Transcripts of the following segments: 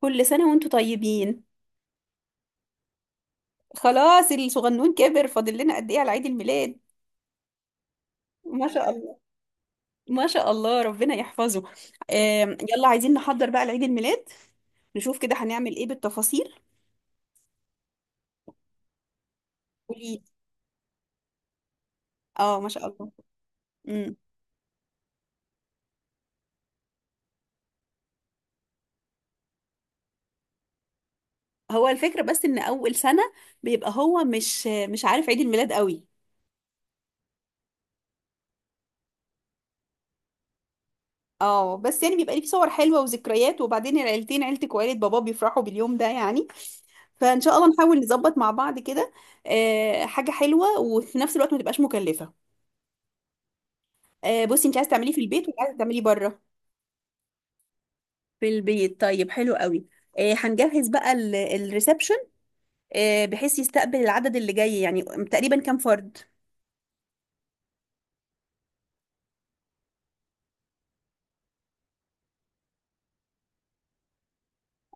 كل سنة وانتوا طيبين. خلاص الصغنون كبر، فاضل لنا قد ايه على عيد الميلاد؟ ما شاء الله. ما شاء الله، ربنا يحفظه. يلا عايزين نحضر بقى لعيد الميلاد. نشوف كده هنعمل ايه بالتفاصيل. قولي. اه، ما شاء الله. امم. هو الفكرة بس ان اول سنة بيبقى هو مش عارف عيد الميلاد قوي. اه، بس يعني بيبقى ليه صور حلوة وذكريات، وبعدين العيلتين عيلتك وعيلة بابا بيفرحوا باليوم ده يعني. فان شاء الله نحاول نظبط مع بعض كده. حاجة حلوة وفي نفس الوقت ما تبقاش مكلفة. بصي، انت عايزه تعمليه في البيت ولا عايزه تعمليه بره؟ في البيت؟ طيب، حلو قوي. هنجهز بقى الريسبشن. بحيث يستقبل العدد اللي جاي، يعني تقريبا كام فرد؟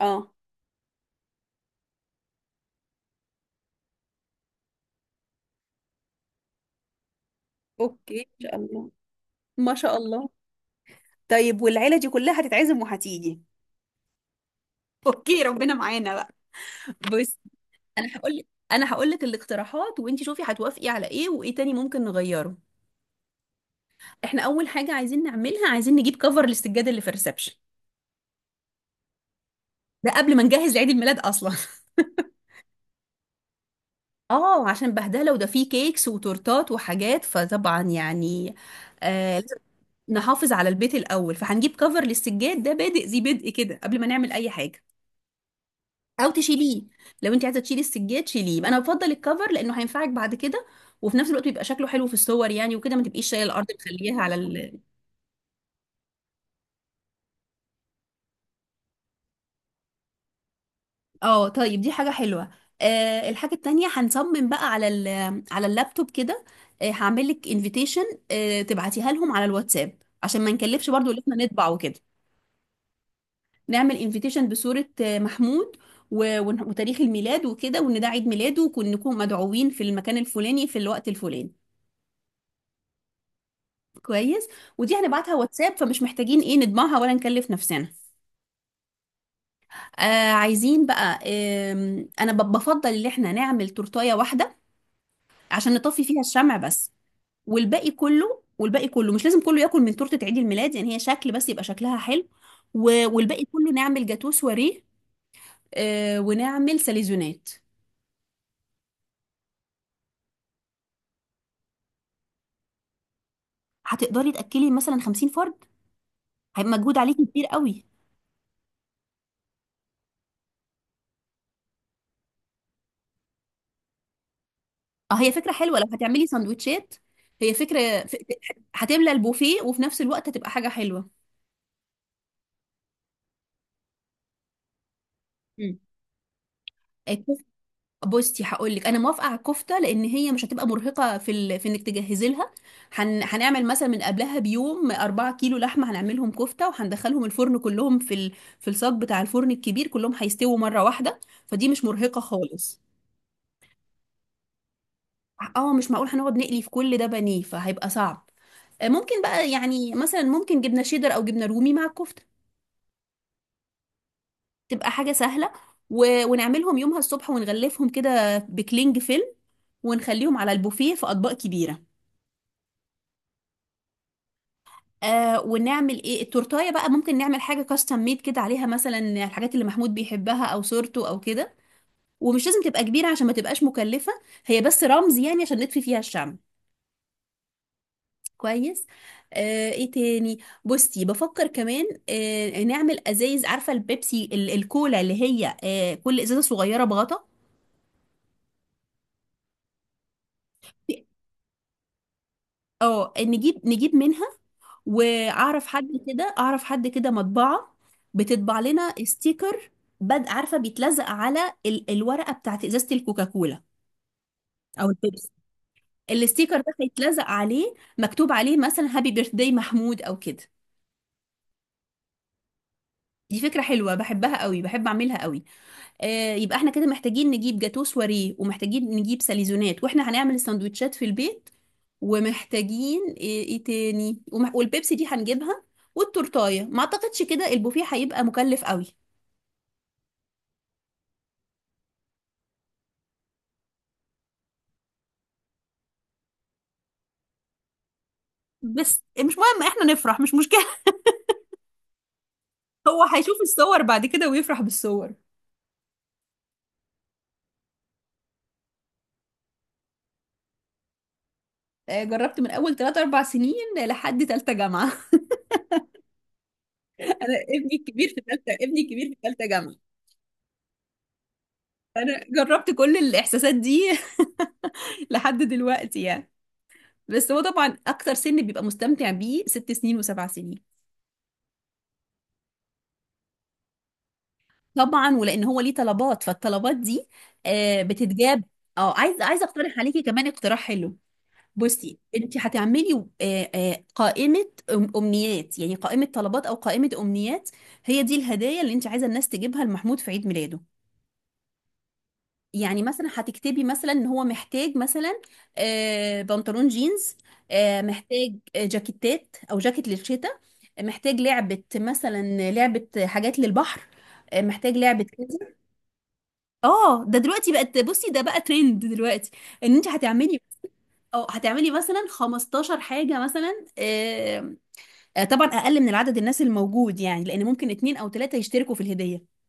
اه، اوكي ان شاء الله. ما شاء الله. طيب، والعيله دي كلها هتتعزم وهتيجي؟ اوكي، ربنا معانا بقى. بس. انا هقول لك انا هقول لك الاقتراحات وانت شوفي هتوافقي على ايه وايه تاني ممكن نغيره. احنا اول حاجه عايزين نعملها، عايزين نجيب كفر للسجاده اللي في الريسبشن. ده قبل ما نجهز لعيد الميلاد اصلا اه، عشان بهدله، وده فيه كيكس وتورتات وحاجات فطبعا يعني. لازم نحافظ على البيت الاول، فهنجيب كفر للسجاد ده بادئ ذي بدء كده قبل ما نعمل اي حاجه. او تشيليه، لو انت عايزه تشيلي السجاد شيليه، انا بفضل الكفر لانه هينفعك بعد كده. وفي نفس الوقت بيبقى شكله حلو في الصور يعني، وكده ما تبقيش شايله الارض مخليها على... اه طيب، دي حاجة حلوة. الحاجة التانية هنصمم بقى على اللابتوب كده. هعمل لك انفيتيشن. تبعتيها لهم على الواتساب عشان ما نكلفش برضو ان احنا نطبع وكده. نعمل انفيتيشن بصورة محمود، وتاريخ الميلاد وكده، وان ده عيد ميلاده وكون نكون مدعوين في المكان الفلاني في الوقت الفلاني. كويس. ودي هنبعتها واتساب، فمش محتاجين ايه نطبعها ولا نكلف نفسنا. عايزين بقى انا بفضل ان احنا نعمل تورتايه واحدة عشان نطفي فيها الشمع بس. والباقي كله مش لازم كله ياكل من تورته عيد الميلاد، يعني هي شكل بس يبقى شكلها حلو. والباقي كله نعمل جاتوه سواريه. ونعمل ساليزونات. هتقدري تاكلي مثلا 50 فرد؟ هيبقى مجهود عليكي كبير قوي. اه، هي فكره حلوه لو هتعملي سندوتشات. هي فكره. هتملى البوفيه، وفي نفس الوقت هتبقى حاجه حلوه. مم. بصي، هقول لك انا موافقه على الكفته، لان هي مش هتبقى مرهقه في انك تجهزي لها. هنعمل مثلا من قبلها بيوم 4 كيلو لحمه، هنعملهم كفته وهندخلهم الفرن كلهم في الصاج بتاع الفرن الكبير، كلهم هيستووا مره واحده. فدي مش مرهقه خالص. اه، مش معقول هنقعد نقلي في كل ده بانيه فهيبقى صعب. ممكن بقى يعني مثلا ممكن جبنه شيدر او جبنه رومي مع الكفته. تبقى حاجه سهله. ونعملهم يومها الصبح ونغلفهم كده بكلينج فيلم، ونخليهم على البوفيه في اطباق كبيره. ونعمل ايه التورتايه بقى، ممكن نعمل حاجه كاستم ميد كده عليها، مثلا الحاجات اللي محمود بيحبها او صورته او كده. ومش لازم تبقى كبيره عشان ما تبقاش مكلفه، هي بس رمز يعني عشان نطفي فيها الشمع. كويس. ايه تاني؟ بصي، بفكر كمان نعمل ازايز، عارفه البيبسي الكولا اللي هي كل ازازه صغيره بغطا. اه، نجيب منها. واعرف حد كده مطبعة. بتطبع لنا ستيكر. بد عارفة بيتلزق على الورقة بتاعت ازازة الكوكاكولا او البيبسي. الستيكر ده هيتلزق عليه، مكتوب عليه مثلا هابي بيرث داي محمود او كده. دي فكرة حلوة بحبها قوي، بحب اعملها قوي. يبقى احنا كده محتاجين نجيب جاتو سواريه، ومحتاجين نجيب ساليزونات، واحنا هنعمل السندوتشات في البيت. ومحتاجين إيه تاني. والبيبسي دي هنجيبها. والتورتايه، ما اعتقدش كده البوفيه هيبقى مكلف قوي. بس مش مهم احنا نفرح، مش مشكلة. هو هيشوف الصور بعد كده ويفرح بالصور. جربت من اول 3 4 سنين لحد ثالثه جامعة انا ابني الكبير في ثالثه ابني الكبير في ثالثه جامعة. انا جربت كل الاحساسات دي لحد دلوقتي يعني. بس هو طبعا اكتر سن بيبقى مستمتع بيه 6 سنين وسبع سنين. طبعا، ولان هو ليه طلبات فالطلبات دي بتتجاب. اه، عايز اقترح عليكي كمان اقتراح حلو. بصي انت هتعملي قائمه امنيات يعني، قائمه طلبات او قائمه امنيات. هي دي الهدايا اللي انت عايزه الناس تجيبها لمحمود في عيد ميلاده. يعني مثلا هتكتبي مثلا ان هو محتاج مثلا بنطلون جينز، محتاج جاكيتات او جاكيت للشتاء، محتاج لعبة مثلا لعبة حاجات للبحر، محتاج لعبة كذا. اه، ده دلوقتي بقت، بصي ده بقى ترند دلوقتي ان انت هتعملي. اه، هتعملي مثلا 15 حاجة مثلا، طبعا اقل من العدد الناس الموجود يعني، لان ممكن اتنين او تلاتة يشتركوا في الهدية.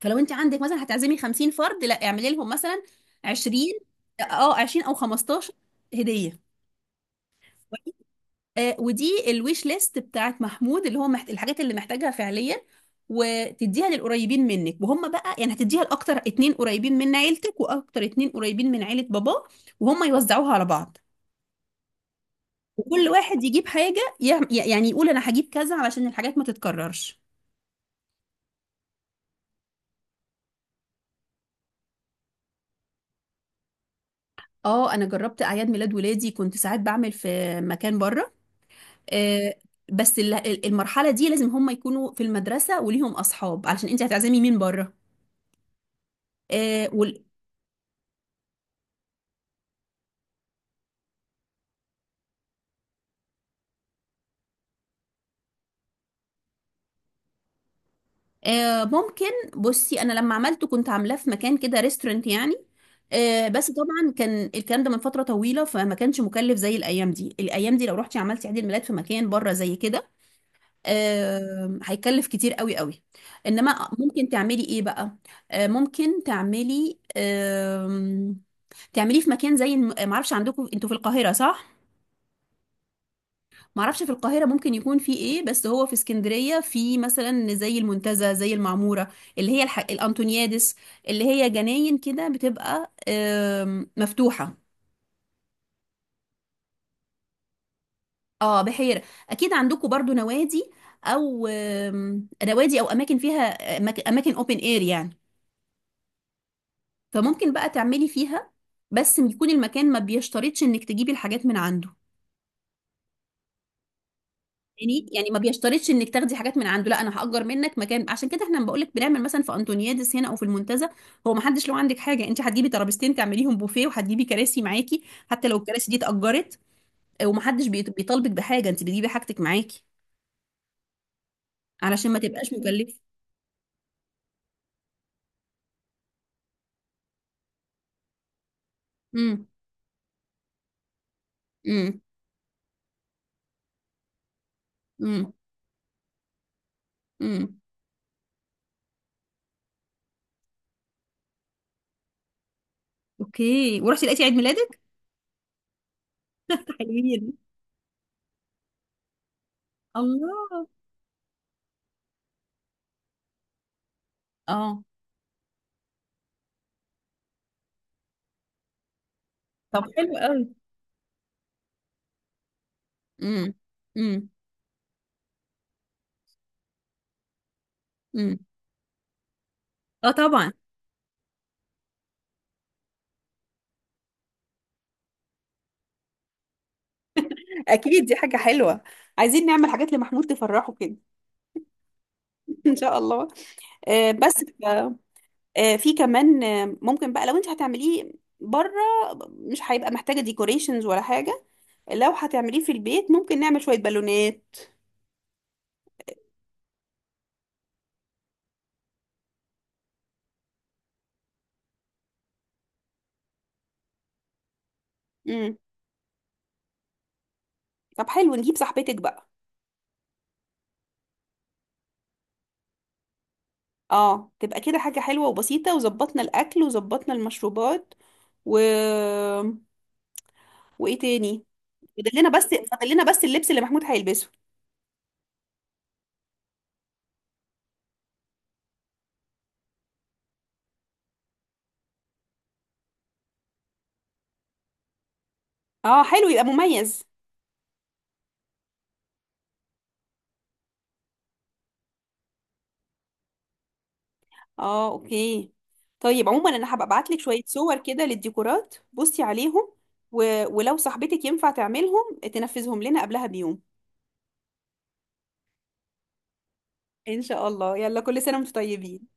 فلو انت عندك مثلا هتعزمي 50 فرد، لا اعملي لهم مثلا 20، اه 20 او 15 هدية. ودي الويش ليست بتاعت محمود اللي هو الحاجات اللي محتاجها فعليا. وتديها للقريبين منك، وهم بقى يعني هتديها لاكتر اتنين قريبين من عيلتك واكتر اتنين قريبين من عيلة باباه، وهم يوزعوها على بعض. وكل واحد يجيب حاجة، يعني يقول انا هجيب كذا علشان الحاجات ما تتكررش. اه، انا جربت اعياد ميلاد ولادي، كنت ساعات بعمل في مكان بره. آه، بس المرحلة دي لازم هم يكونوا في المدرسة وليهم أصحاب، علشان أنت هتعزمي مين بره؟ آه، وال- ممكن. بصي أنا لما عملته كنت عاملاه في مكان كده ريستورنت يعني. بس طبعا كان الكلام ده من فترة طويلة، فما كانش مكلف زي الأيام دي، الأيام دي لو رحتي عملتي عيد الميلاد في مكان بره زي كده هيكلف كتير قوي قوي. إنما ممكن تعملي إيه بقى؟ ممكن تعملي تعمليه في مكان زي معرفش، عندكم انتوا في القاهرة صح؟ معرفش في القاهرة ممكن يكون في ايه، بس هو في اسكندرية في مثلا زي المنتزه، زي المعمورة اللي هي الأنتونيادس، اللي هي جناين كده بتبقى مفتوحة. اه، بحيرة. اكيد عندكم برضو نوادي، او نوادي او اماكن فيها اماكن اوبن اير يعني. فممكن بقى تعملي فيها، بس يكون المكان ما بيشترطش انك تجيبي الحاجات من عنده. يعني ما بيشترطش انك تاخدي حاجات من عنده، لا انا هأجر منك مكان، عشان كده احنا بقول لك بنعمل مثلا في انطونيادس هنا او في المنتزه. هو ما حدش له عندك حاجه، انت هتجيبي ترابيزتين تعمليهم بوفيه، وهتجيبي كراسي معاكي حتى لو الكراسي دي اتأجرت. ومحدش بيطالبك بحاجه، انت بتجيبي حاجتك معاكي علشان ما تبقاش مكلفه. امم. امم. امم. امم. اوكي، ورحتي لقيتي عيد ميلادك. حلوين. الله. اه، طب حلو قوي. امم. امم. امم. اه، طبعا. اكيد دي حاجه حلوه. عايزين نعمل حاجات لمحمود تفرحه كده. ان شاء الله. بس ف- في كمان ممكن بقى لو انت هتعمليه بره مش هيبقى محتاجه ديكوريشنز ولا حاجه. لو هتعمليه في البيت ممكن نعمل شويه بالونات. امم. طب، حلو نجيب صاحبتك بقى. اه، تبقى كده حاجه حلوه وبسيطه، وظبطنا الاكل وظبطنا المشروبات. و وايه تاني؟ فاضل لنا بس فاضل لنا بس اللبس اللي محمود هيلبسه. اه، حلو يبقى مميز. اه، اوكي. طيب عموما انا هبقى ابعت لك شويه صور كده للديكورات بصي عليهم، و... ولو صاحبتك ينفع تعملهم تنفذهم لنا قبلها بيوم. ان شاء الله، يلا كل سنه وانتم طيبين.